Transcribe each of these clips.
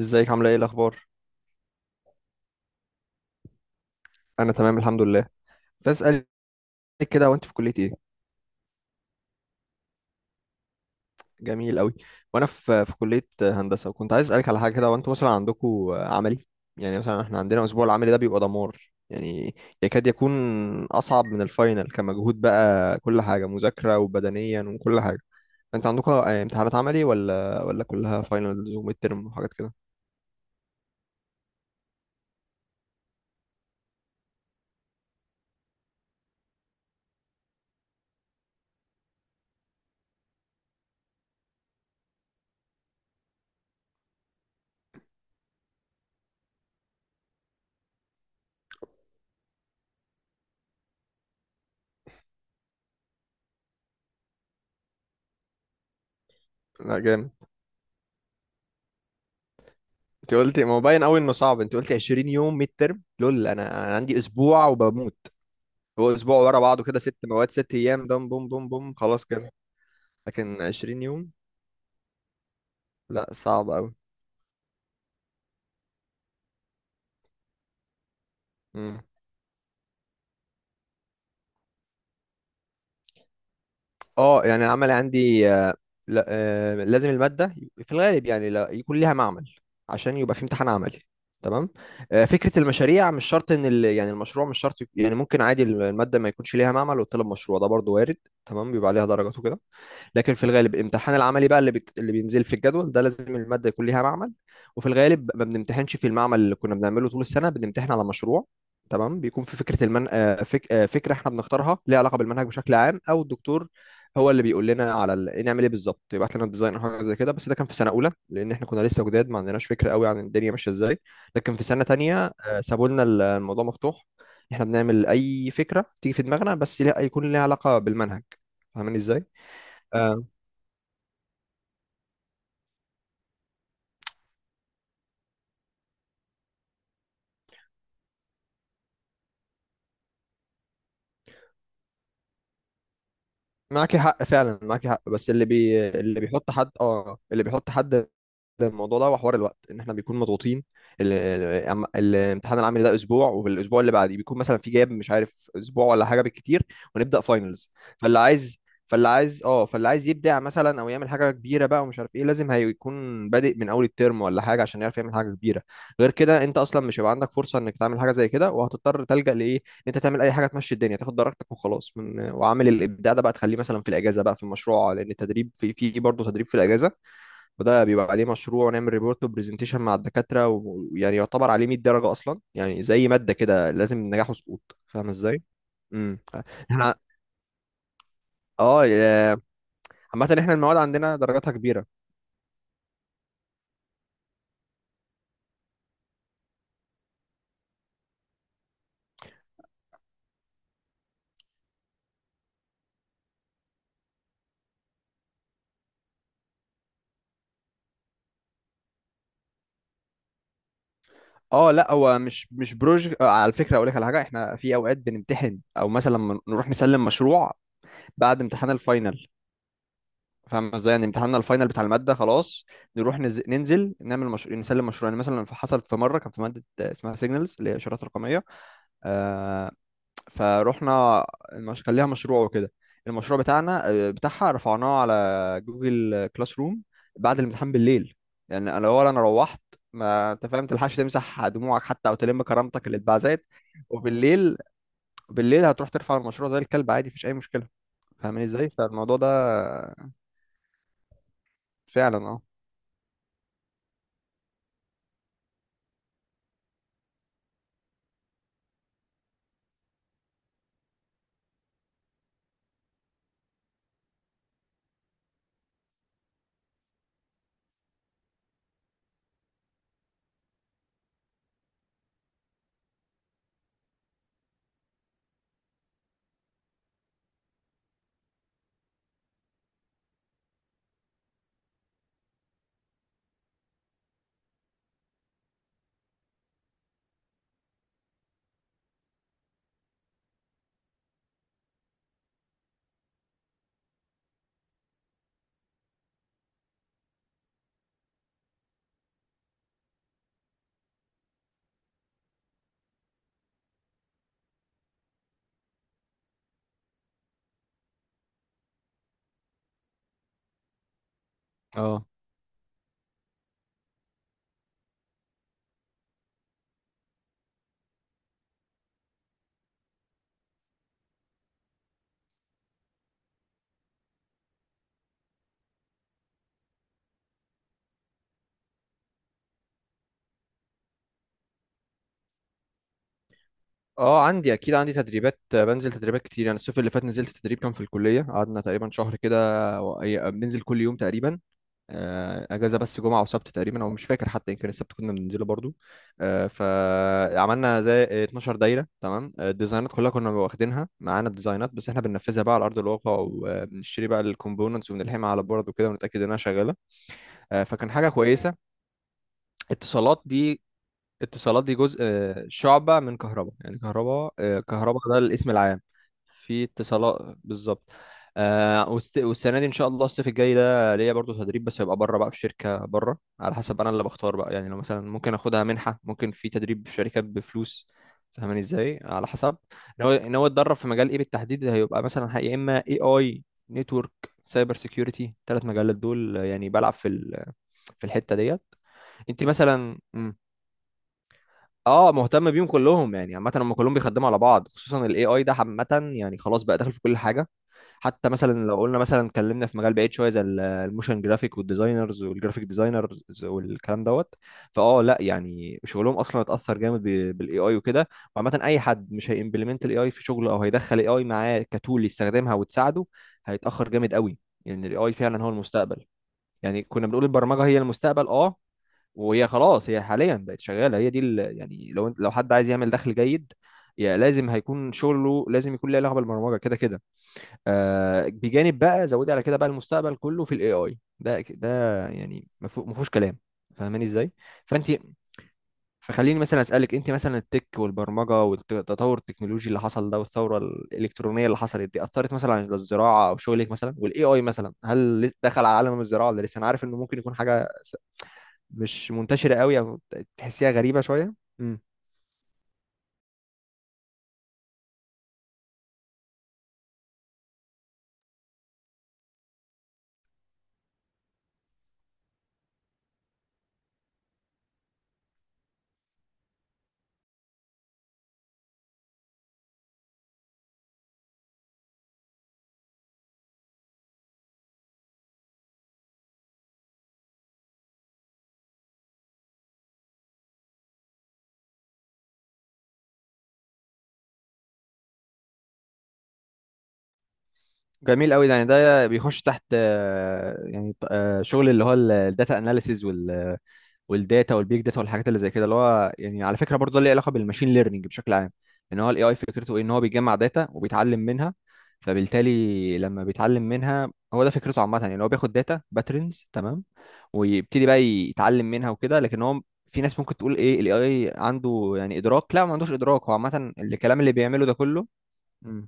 ازيك؟ عامله ايه؟ الاخبار؟ انا تمام الحمد لله. كنت عايز اسالك كده، وانت في كليه ايه؟ جميل قوي. وانا في كليه هندسه، وكنت عايز اسالك على حاجه كده. وانتوا مثلا عندكم عملي؟ يعني مثلا احنا عندنا الاسبوع العملي ده بيبقى دمار، يعني يكاد يكون اصعب من الفاينل كمجهود بقى، كل حاجه مذاكره وبدنيا وكل حاجه. انت عندكم امتحانات عملي ولا كلها فاينلز وميد ترم وحاجات كده؟ لا جامد. انت قلتي، ما هو باين قوي انه صعب، انت قلتي 20 يوم ميد ترم، لول! انا عندي اسبوع وبموت. هو اسبوع ورا بعضه كده، ست مواد ست ايام، دم بوم بوم بوم خلاص كده. لكن 20 يوم، لا صعب قوي. امم، اه يعني العمل عندي لا، لازم المادة في الغالب يعني لا يكون ليها معمل، عشان يبقى في امتحان عملي، تمام. فكرة المشاريع مش شرط ان يعني المشروع مش شرط يعني ممكن عادي المادة ما يكونش ليها معمل وتطلب مشروع، ده برضو وارد. تمام، بيبقى عليها درجات وكده. لكن في الغالب الامتحان العملي بقى اللي اللي بينزل في الجدول ده، لازم المادة يكون ليها معمل. وفي الغالب ما بنمتحنش في المعمل اللي كنا بنعمله طول السنة، بنمتحن على مشروع، تمام. بيكون في فكرة المن... آه، فك... آه، فكرة احنا بنختارها، ليها علاقة بالمنهج بشكل عام او الدكتور هو اللي بيقول لنا على ال... إيه نعمل ايه بالظبط، يبعت لنا ديزاين او حاجة زي كده. بس ده كان في سنة اولى، لان احنا كنا لسه جداد، ما عندناش فكرة قوي عن الدنيا ماشية ازاي. لكن في سنة تانية سابوا لنا الموضوع مفتوح، احنا بنعمل اي فكرة تيجي في دماغنا، بس يكون ليها علاقة بالمنهج. فاهماني ازاي؟ معاكي حق فعلا، معاكي حق. بس اللي بيحط حد، اه اللي بيحط حد الموضوع ده وحوار الوقت، ان احنا بيكون مضغوطين. الامتحان العملي ده اسبوع، والاسبوع اللي بعديه بيكون مثلا في جاب، مش عارف اسبوع ولا حاجه بالكتير، ونبدا فاينلز. فاللي عايز فاللي عايز يبدع مثلا او يعمل حاجه كبيره بقى ومش عارف ايه، لازم هيكون بادئ من اول الترم ولا حاجه، عشان يعرف يعمل حاجه كبيره. غير كده انت اصلا مش هيبقى عندك فرصه انك تعمل حاجه زي كده، وهتضطر تلجأ لايه، ان انت تعمل اي حاجه تمشي الدنيا، تاخد درجتك وخلاص. من وعامل الابداع ده بقى تخليه مثلا في الاجازه بقى، في المشروع، لان التدريب في في برضه تدريب في الاجازه. وده بيبقى عليه مشروع، ونعمل ريبورت وبرزنتيشن مع الدكاترة، و- ويعني يعتبر عليه 100 درجة أصلا، يعني زي مادة كده لازم نجاح وسقوط، فاهم ازاي؟ امم، احنا اه يا- عامة احنا المواد عندنا درجاتها كبيرة. اه لا هو مش بروج آه، على فكرة اقول لك على حاجة، احنا في اوقات بنمتحن او مثلا لما نروح نسلم مشروع بعد امتحان الفاينل، فاهم ازاي؟ يعني امتحاننا الفاينل بتاع المادة خلاص، نروح ننزل نعمل مشروع، نسلم مشروع. يعني مثلا حصلت في مرة، كان في مادة اسمها سيجنالز، اللي هي اشارات رقمية، فروحنا، كان ليها مشروع وكده، المشروع بتاعنا آه، بتاعها رفعناه على جوجل كلاس روم بعد الامتحان بالليل. يعني انا اول انا روحت، ما انت فاهم تلحقش تمسح دموعك حتى او تلم كرامتك اللي اتبعزت، وبالليل بالليل هتروح ترفع المشروع زي الكلب عادي، مفيش اي مشكله. فاهمني ازاي؟ فالموضوع ده فعلا اه اه. اه عندي، اكيد عندي تدريبات، بنزل تدريبات كتير. يعني الصيف اللي فات نزلت تدريب كان في الكليه، قعدنا تقريبا شهر كده، بننزل كل يوم تقريبا. اجازه بس جمعه وسبت تقريبا، او مش فاكر، حتى يمكن السبت كنا بننزله برضو. فعملنا زي 12 دايره، تمام، الديزاينات كلها كنا واخدينها معانا، الديزاينات بس احنا بننفذها بقى على ارض الواقع، وبنشتري بقى الكومبوننتس وبنلحمها على البورد وكده، ونتاكد انها شغاله. فكان حاجه كويسه. اتصالات دي، اتصالات دي جزء، شعبة من كهرباء، يعني كهرباء، كهرباء ده الاسم العام، في اتصالات بالظبط. والسنة دي إن شاء الله الصيف الجاي ده ليا برضو تدريب، بس هيبقى بره بقى، في شركة بره، على حسب أنا اللي بختار بقى. يعني لو مثلا ممكن أخدها منحة، ممكن في تدريب في شركات بفلوس. فاهماني إزاي؟ على حسب إن هو يتدرب في مجال إيه بالتحديد، هيبقى مثلا يا إما AI، نتورك، سايبر سيكيورتي، ثلاث مجالات دول. يعني بلعب في في الحتة ديت. أنت مثلا، اه مهتم بيهم كلهم يعني، عامه هم كلهم بيخدموا على بعض، خصوصا الاي اي ده عامه، يعني خلاص بقى داخل في كل حاجه. حتى مثلا لو قلنا مثلا اتكلمنا في مجال بعيد شويه، زي الموشن جرافيك والديزاينرز والجرافيك ديزاينرز والكلام دوت، فاه لا يعني شغلهم اصلا اتاثر جامد بالاي اي وكده. وعامه اي حد مش هيمبلمنت الاي اي في شغله، او هيدخل الاي اي معاه كتول يستخدمها وتساعده، هيتاخر جامد قوي، لان يعني الاي اي فعلا هو المستقبل. يعني كنا بنقول البرمجه هي المستقبل، اه وهي خلاص، هي حاليا بقت شغاله، هي دي يعني لو لو حد عايز يعمل دخل جيد، يا لازم هيكون شغله لازم يكون له علاقه بالبرمجه كده كده. آه بجانب بقى، زودي على كده بقى المستقبل كله في الاي اي ده ده، يعني ما فيهوش كلام. فاهماني ازاي؟ فانت، فخليني مثلا اسالك، انت مثلا التك والبرمجه والتطور التكنولوجي اللي حصل ده والثوره الالكترونيه اللي حصلت دي، اثرت مثلا على الزراعه او شغلك مثلا؟ والاي اي مثلا هل دخل على عالم الزراعه، ولا لسه؟ انا عارف انه ممكن يكون حاجه مش منتشرة قوي، او تحسيها غريبة شوية. امم. جميل قوي، يعني ده بيخش تحت، شغل اللي هو الداتا اناليسيز والداتا والبيج داتا والحاجات اللي زي كده، اللي هو يعني على فكرة برضه ده ليه علاقة بالماشين ليرنينج بشكل عام. ان هو الاي اي فكرته ايه؟ ان هو بيجمع داتا وبيتعلم منها، فبالتالي لما بيتعلم منها، هو ده فكرته عامة، يعني إن هو بياخد داتا باترنز، تمام، ويبتدي بقى يتعلم منها وكده. لكن هو في ناس ممكن تقول ايه الاي اي عنده، يعني ادراك. لا، ما عندوش ادراك، هو عامه الكلام اللي بيعمله ده كله. مم.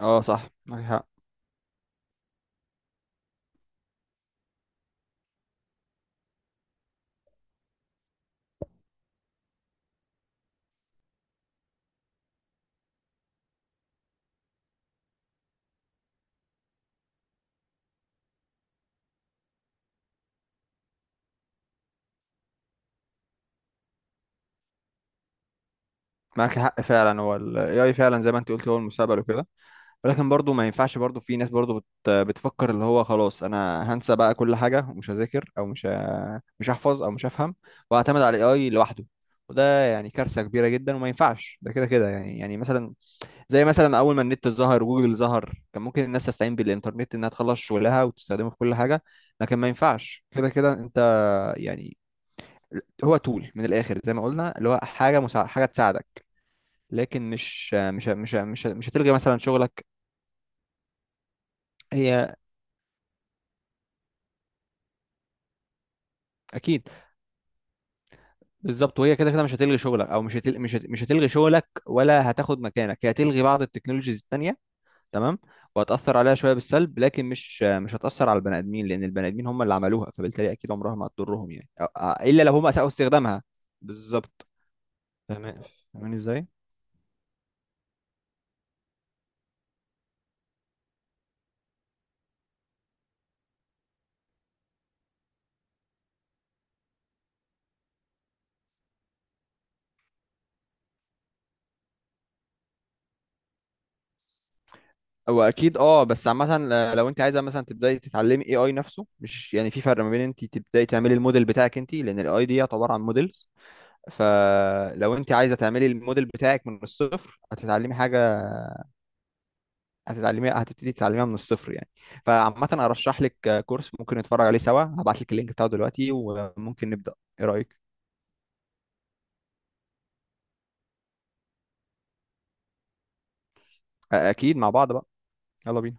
اه صح، معاك حق، معاك حق فعلا. هو ال AI فعلا زي ما انت قلت هو المستقبل وكده. ولكن برضو ما ينفعش، برضو في ناس برضو بتفكر اللي هو خلاص انا هنسى بقى كل حاجة، ومش هذاكر، او مش هحفظ، او مش هفهم، واعتمد على ال AI لوحده. وده يعني كارثة كبيرة جدا، وما ينفعش ده كده كده، يعني يعني مثلا زي مثلا اول ما النت ظهر، جوجل ظهر، كان ممكن الناس تستعين بالانترنت انها تخلص شغلها وتستخدمه في كل حاجة، لكن ما ينفعش كده كده انت يعني. هو تول من الاخر، زي ما قلنا، اللي هو حاجة مساعدة، حاجة تساعدك، لكن مش هتلغي مثلا شغلك. هي اكيد، بالظبط. وهي كده كده مش هتلغي شغلك، او مش هتلغي شغلك ولا هتاخد مكانك، هي هتلغي بعض التكنولوجيز التانية، تمام، وهتأثر عليها شوية بالسلب، لكن مش هتأثر على البني آدمين، لأن البني آدمين هم اللي عملوها، فبالتالي أكيد عمرها ما هتضرهم يعني، أو إلا لو هم أساءوا استخدامها، بالظبط. فاهمين، فاهمين إزاي؟ هو اكيد اه. بس عامه لو انت عايزه مثلا تبداي تتعلمي اي اي نفسه، مش يعني في فرق ما بين انت تبداي تعملي الموديل بتاعك انت، لان الاي دي يعتبر عن موديلز. فلو انت عايزه تعملي الموديل بتاعك من الصفر، هتتعلمي حاجه، هتبتدي تتعلميها من الصفر يعني. فعامه ارشح لك كورس ممكن نتفرج عليه سوا، هبعت لك اللينك بتاعه دلوقتي، وممكن نبدا، ايه رايك؟ اكيد، مع بعض بقى، يلا بينا.